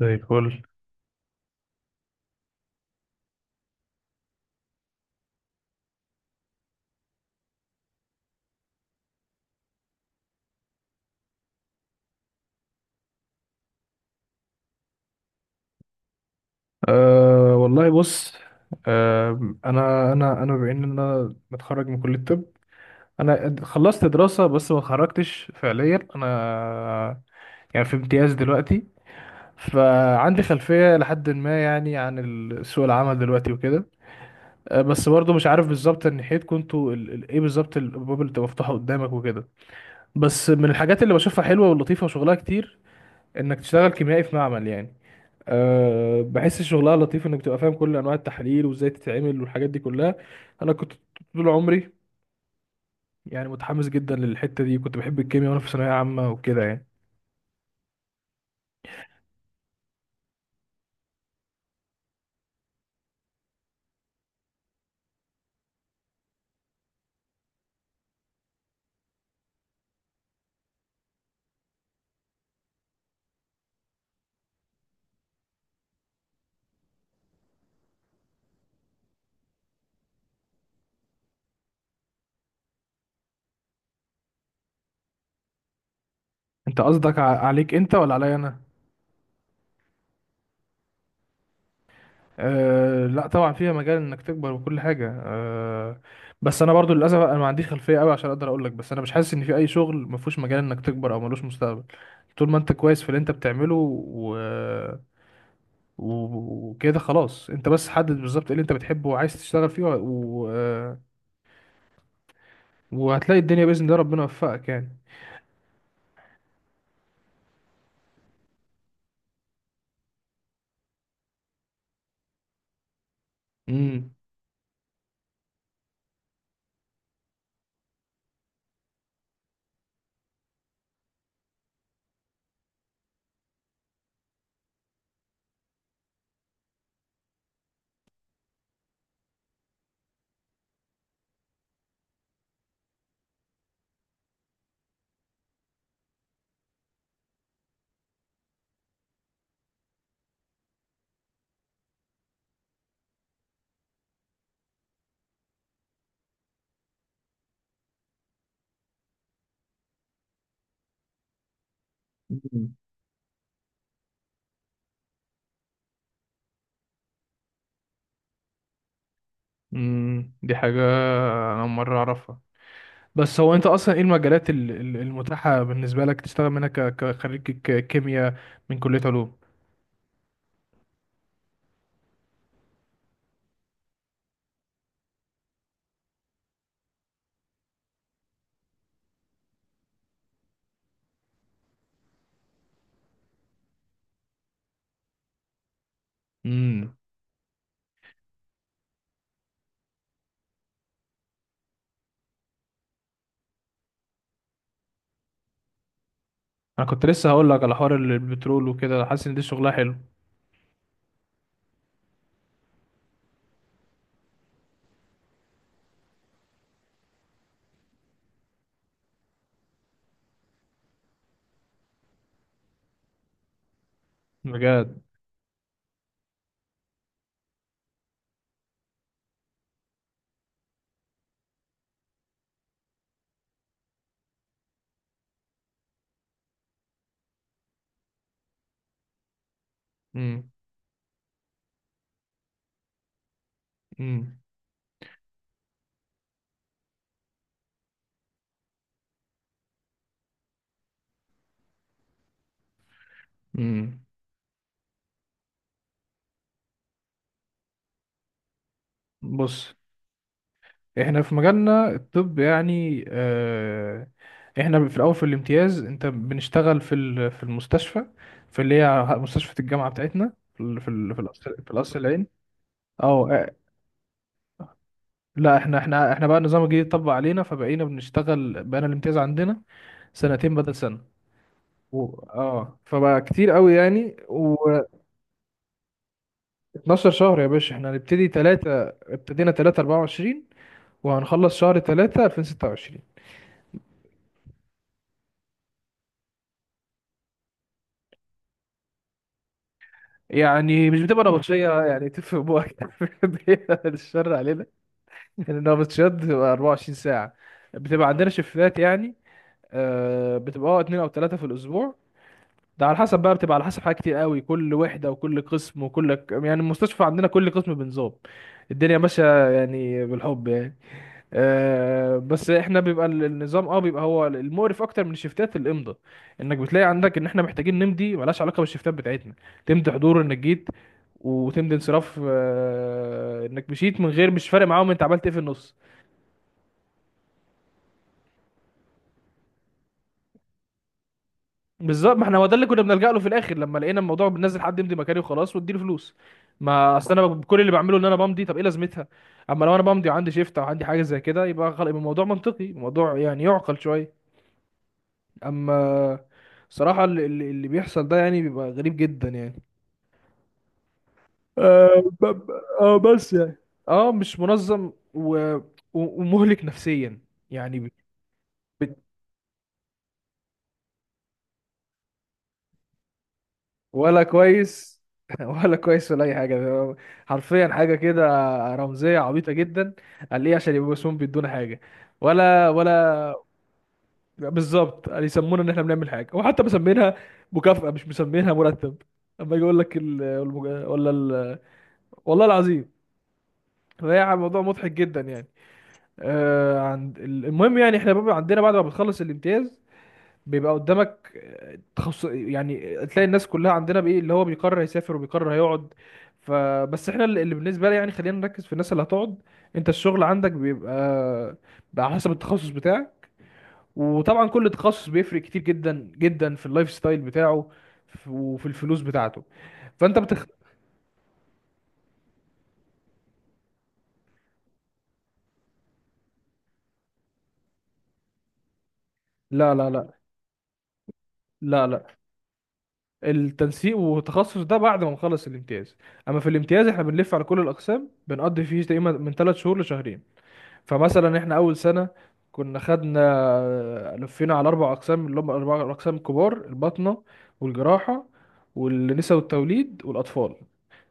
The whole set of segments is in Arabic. زي الفل. أه، والله بص. أه انا بما ان انا متخرج من كليه الطب. انا خلصت دراسه بس ما اتخرجتش فعليا، انا يعني في امتياز دلوقتي، فعندي خلفيه لحد ما، يعني، عن سوق العمل دلوقتي وكده. أه بس برضه مش عارف بالظبط ناحيتكم انتوا ايه بالظبط الابواب اللي بتبقى مفتوحه قدامك وكده. بس من الحاجات اللي بشوفها حلوه ولطيفه وشغلها كتير، انك تشتغل كيميائي في معمل يعني. أه بحس شغلها لطيف، انك تبقى فاهم كل انواع التحاليل وازاي تتعمل والحاجات دي كلها. انا كنت طول عمري يعني متحمس جدا للحته دي، كنت بحب الكيمياء وانا في ثانويه عامه وكده يعني. انت قصدك عليك انت ولا عليا انا؟ أه لا، طبعا فيها مجال انك تكبر وكل حاجه. أه، بس انا برضو للاسف انا ما عنديش خلفيه قوي عشان اقدر اقول لك. بس انا مش حاسس ان في اي شغل ما فيهوش مجال انك تكبر او ملوش مستقبل. طول ما انت كويس في اللي انت بتعمله وكده خلاص، انت بس حدد بالظبط ايه اللي انت بتحبه وعايز تشتغل فيه، و... و... آه، وهتلاقي الدنيا، باذن الله ربنا يوفقك يعني. امم. مم. امم، دي حاجه انا أول مره اعرفها. بس هو انت اصلا ايه المجالات المتاحه بالنسبه لك تشتغل منها كخريج كيمياء من كليه علوم؟ امم. انا كنت لسه هقول لك على حوار البترول وكده، حاسس ان دي شغلها حلو. بجد. امم. امم. امم. بص، احنا في مجالنا الطب يعني. آه، احنا في الاول في الامتياز، انت بنشتغل في في المستشفى، في اللي هي مستشفى الجامعه بتاعتنا، في القصر العيني. اه، آه، لا احنا بقى النظام الجديد اتطبق علينا، فبقينا بنشتغل، بقينا الامتياز عندنا سنتين بدل سنه. اه فبقى كتير قوي يعني، و12 شهر يا باشا. احنا هنبتدي 3، ابتدينا 3 24، وهنخلص شهر 3 2026. يعني مش بتبقى نبطشية يعني، تفهم بوك. بعيد عن الشر علينا. لأن النبطشيات بتبقى 24 ساعة. بتبقى عندنا شفتات يعني. آه، بتبقى اه اتنين أو تلاتة في الأسبوع. ده على حسب بقى، بتبقى على حسب حاجات كتير قوي، كل وحدة وكل قسم يعني المستشفى عندنا كل قسم بنظام. الدنيا ماشية يعني بالحب يعني. آه، بس احنا بيبقى النظام، اه، بيبقى هو المقرف اكتر من الشفتات، الامضاء. انك بتلاقي عندك ان احنا محتاجين نمضي ملهاش علاقه بالشفتات بتاعتنا. تمضي حضور انك جيت، وتمضي انصراف، آه، انك مشيت من غير، مش فارق معاهم انت عملت ايه في النص. بالظبط، ما احنا هو ده اللي كنا بنلجأ له في الاخر، لما لقينا الموضوع بننزل حد يمضي مكاني وخلاص واديله فلوس. ما اصل انا كل اللي بعمله ان انا بمضي، طب ايه لازمتها؟ اما لو انا بمضي وعندي شيفت او عندي حاجه زي كده يبقى خلاص، يبقى الموضوع منطقي، الموضوع يعني يعقل شويه. اما صراحة اللي بيحصل ده يعني بيبقى غريب جدا يعني. آه ب- ب- بس يعني، اه مش منظم ومهلك نفسيا يعني، ب- ولا كويس. ولا كويس، ولا اي حاجة، ده حرفيا حاجة كده رمزية عبيطة جدا. قال ليه عشان يبقوا اسمهم بيدونا حاجة. ولا بالظبط، قال يسمونا ان احنا بنعمل حاجة، وحتى مسمينها مكافأة مش مسمينها مرتب. اما يجي يقول لك ال... المج... ولا ال... والله العظيم، فهي موضوع مضحك جدا يعني. آه، عند المهم يعني، احنا بقى عندنا بعد ما بتخلص الامتياز بيبقى قدامك آه، تخصص يعني. تلاقي الناس كلها عندنا بايه، اللي هو بيقرر يسافر وبيقرر هيقعد. فبس احنا اللي بالنسبه لي يعني، خلينا نركز في الناس اللي هتقعد. انت الشغل عندك بيبقى بقى على حسب التخصص بتاعك، وطبعا كل تخصص بيفرق كتير جدا جدا في اللايف ستايل بتاعه وفي الفلوس بتاعته. فانت بتخ... لا، لا، لا، لا، لا، التنسيق والتخصص ده بعد ما نخلص الامتياز. اما في الامتياز احنا بنلف على كل الاقسام، بنقضي فيه تقريبا من ثلاث شهور لشهرين. فمثلا احنا اول سنه كنا خدنا، لفينا على اربع اقسام، اللي هم اربع اقسام الكبار: الباطنه والجراحه والنساء والتوليد والاطفال.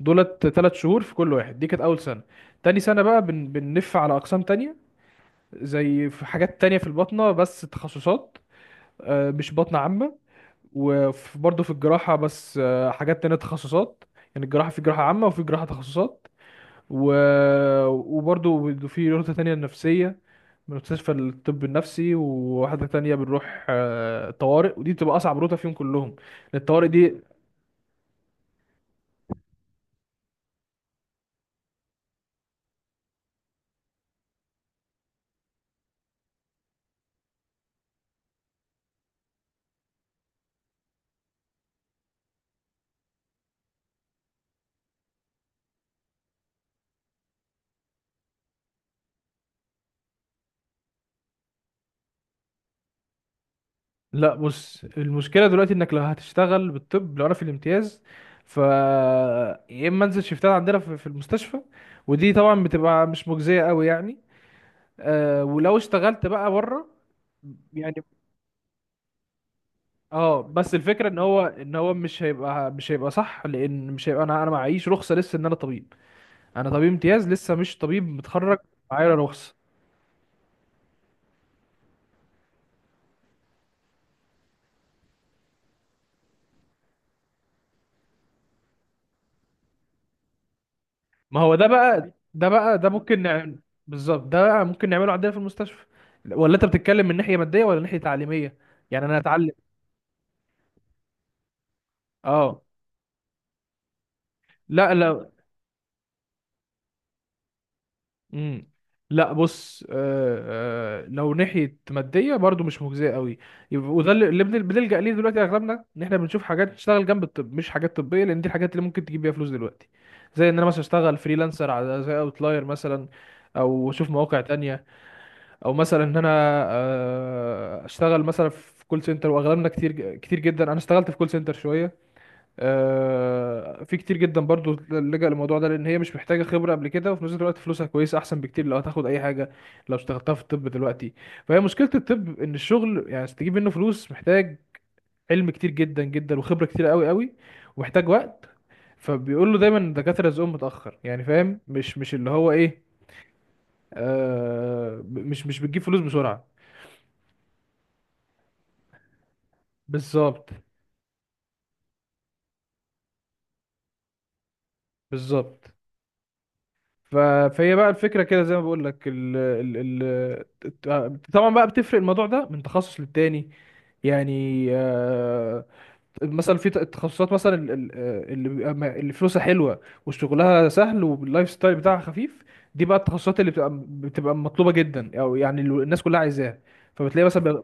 دولت ثلاث شهور في كل واحد، دي كانت اول سنه. تاني سنه بقى بنلف على اقسام تانية، زي في حاجات تانية في الباطنه بس تخصصات، آه، مش باطنه عامه. وبرضه في الجراحة بس آه، حاجات تانية تخصصات. يعني الجراحة في جراحة عامة وفي جراحة تخصصات. و... وبرضه في نقطة تانية، النفسية من مستشفى الطب النفسي. وواحدة تانية بنروح آه، طوارئ، ودي بتبقى أصعب روتة فيهم كلهم، لأن الطوارئ دي. لا بص، المشكلة دلوقتي إنك لو هتشتغل بالطب، لو أنا في الامتياز، ف يا إما أنزل شيفتات عندنا في المستشفى، ودي طبعا بتبقى مش مجزية قوي يعني. آه، ولو اشتغلت بقى بره يعني، اه، بس الفكره ان هو مش هيبقى، صح، لان مش هيبقى، انا، معيش رخصه لسه ان انا طبيب. انا طبيب امتياز لسه مش طبيب متخرج. معايا رخصه؟ ما هو ده ممكن نعمل. بالظبط، ده بقى ممكن نعمله عندنا في المستشفى. ولا انت بتتكلم من ناحيه ماديه ولا ناحيه تعليميه، يعني انا اتعلم؟ اه. لا لا. امم. لا بص، آه، لو ناحيه ماديه برضو مش مجزيه قوي. يبقى- وده اللي بنلجأ ليه دلوقتي اغلبنا، ان احنا بنشوف حاجات تشتغل جنب الطب مش حاجات طبيه، لان دي الحاجات اللي ممكن تجيب بيها فلوس دلوقتي. زي ان انا مثلا اشتغل فريلانسر على زي اوتلاير مثلا، او اشوف مواقع تانية، او مثلا ان انا آه اشتغل مثلا في كول سنتر. واغلبنا كتير كتير جدا، انا اشتغلت في كول سنتر شويه، آه، في كتير جدا برضو لجأ للموضوع ده، لان هي مش محتاجه خبره قبل كده، وفي نفس الوقت فلوسها كويسه احسن بكتير لو هتاخد اي حاجه لو اشتغلتها في الطب دلوقتي. فهي مشكله الطب ان الشغل يعني عشان تجيب منه فلوس محتاج علم كتير جدا جدا وخبره كتير قوي قوي، ومحتاج وقت. فبيقول له دايما، الدكاتره رزقهم متاخر يعني، فاهم مش مش اللي هو ايه. آه مش مش بتجيب فلوس بسرعه. بالظبط. بالظبط. ف- فهي بقى الفكره كده، زي ما بقول لك، طبعا بقى بتفرق الموضوع ده من تخصص للتاني. يعني، آه، مثلا في تخصصات، مثلا اللي بيبقى، اللي فلوسها حلوه وشغلها سهل واللايف ستايل بتاعها خفيف. دي بقى التخصصات اللي بتبقى مطلوبه جدا، او يعني الناس كلها عايزاها. فبتلاقي مثلا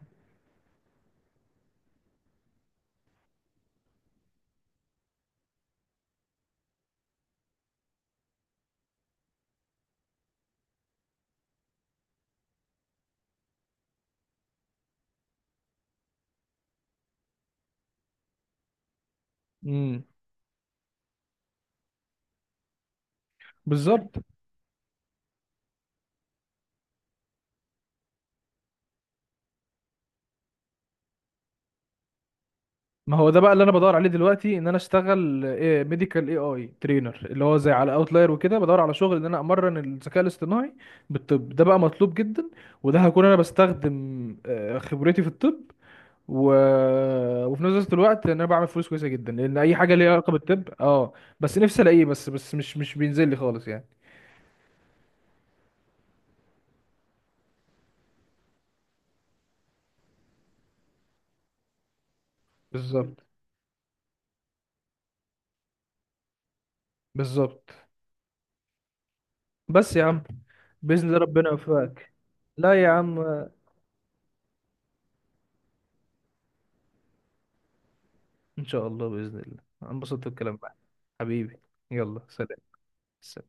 مم. بالظبط. ما هو ده بقى اللي انا بدور عليه دلوقتي، ان انا اشتغل ايه، ميديكال اي ترينر، اللي هو زي على اوتلاير وكده، بدور على شغل ان انا امرن الذكاء الاصطناعي بالطب. ده بقى مطلوب جدا. وده هكون انا بستخدم آه، خبرتي في الطب، و... وفي نفس الوقت ان انا بعمل فلوس كويسه جدا، لان اي حاجه ليها علاقه بالطب، اه. بس نفسي الاقيه، بس مش بينزل لي خالص يعني. بالظبط. بالظبط. بس يا عم، باذن الله ربنا يوفقك. لا يا عم، إن شاء الله، بإذن الله أنا أنبسطت بالكلام معاك. حبيبي. يلا سلام. سلام.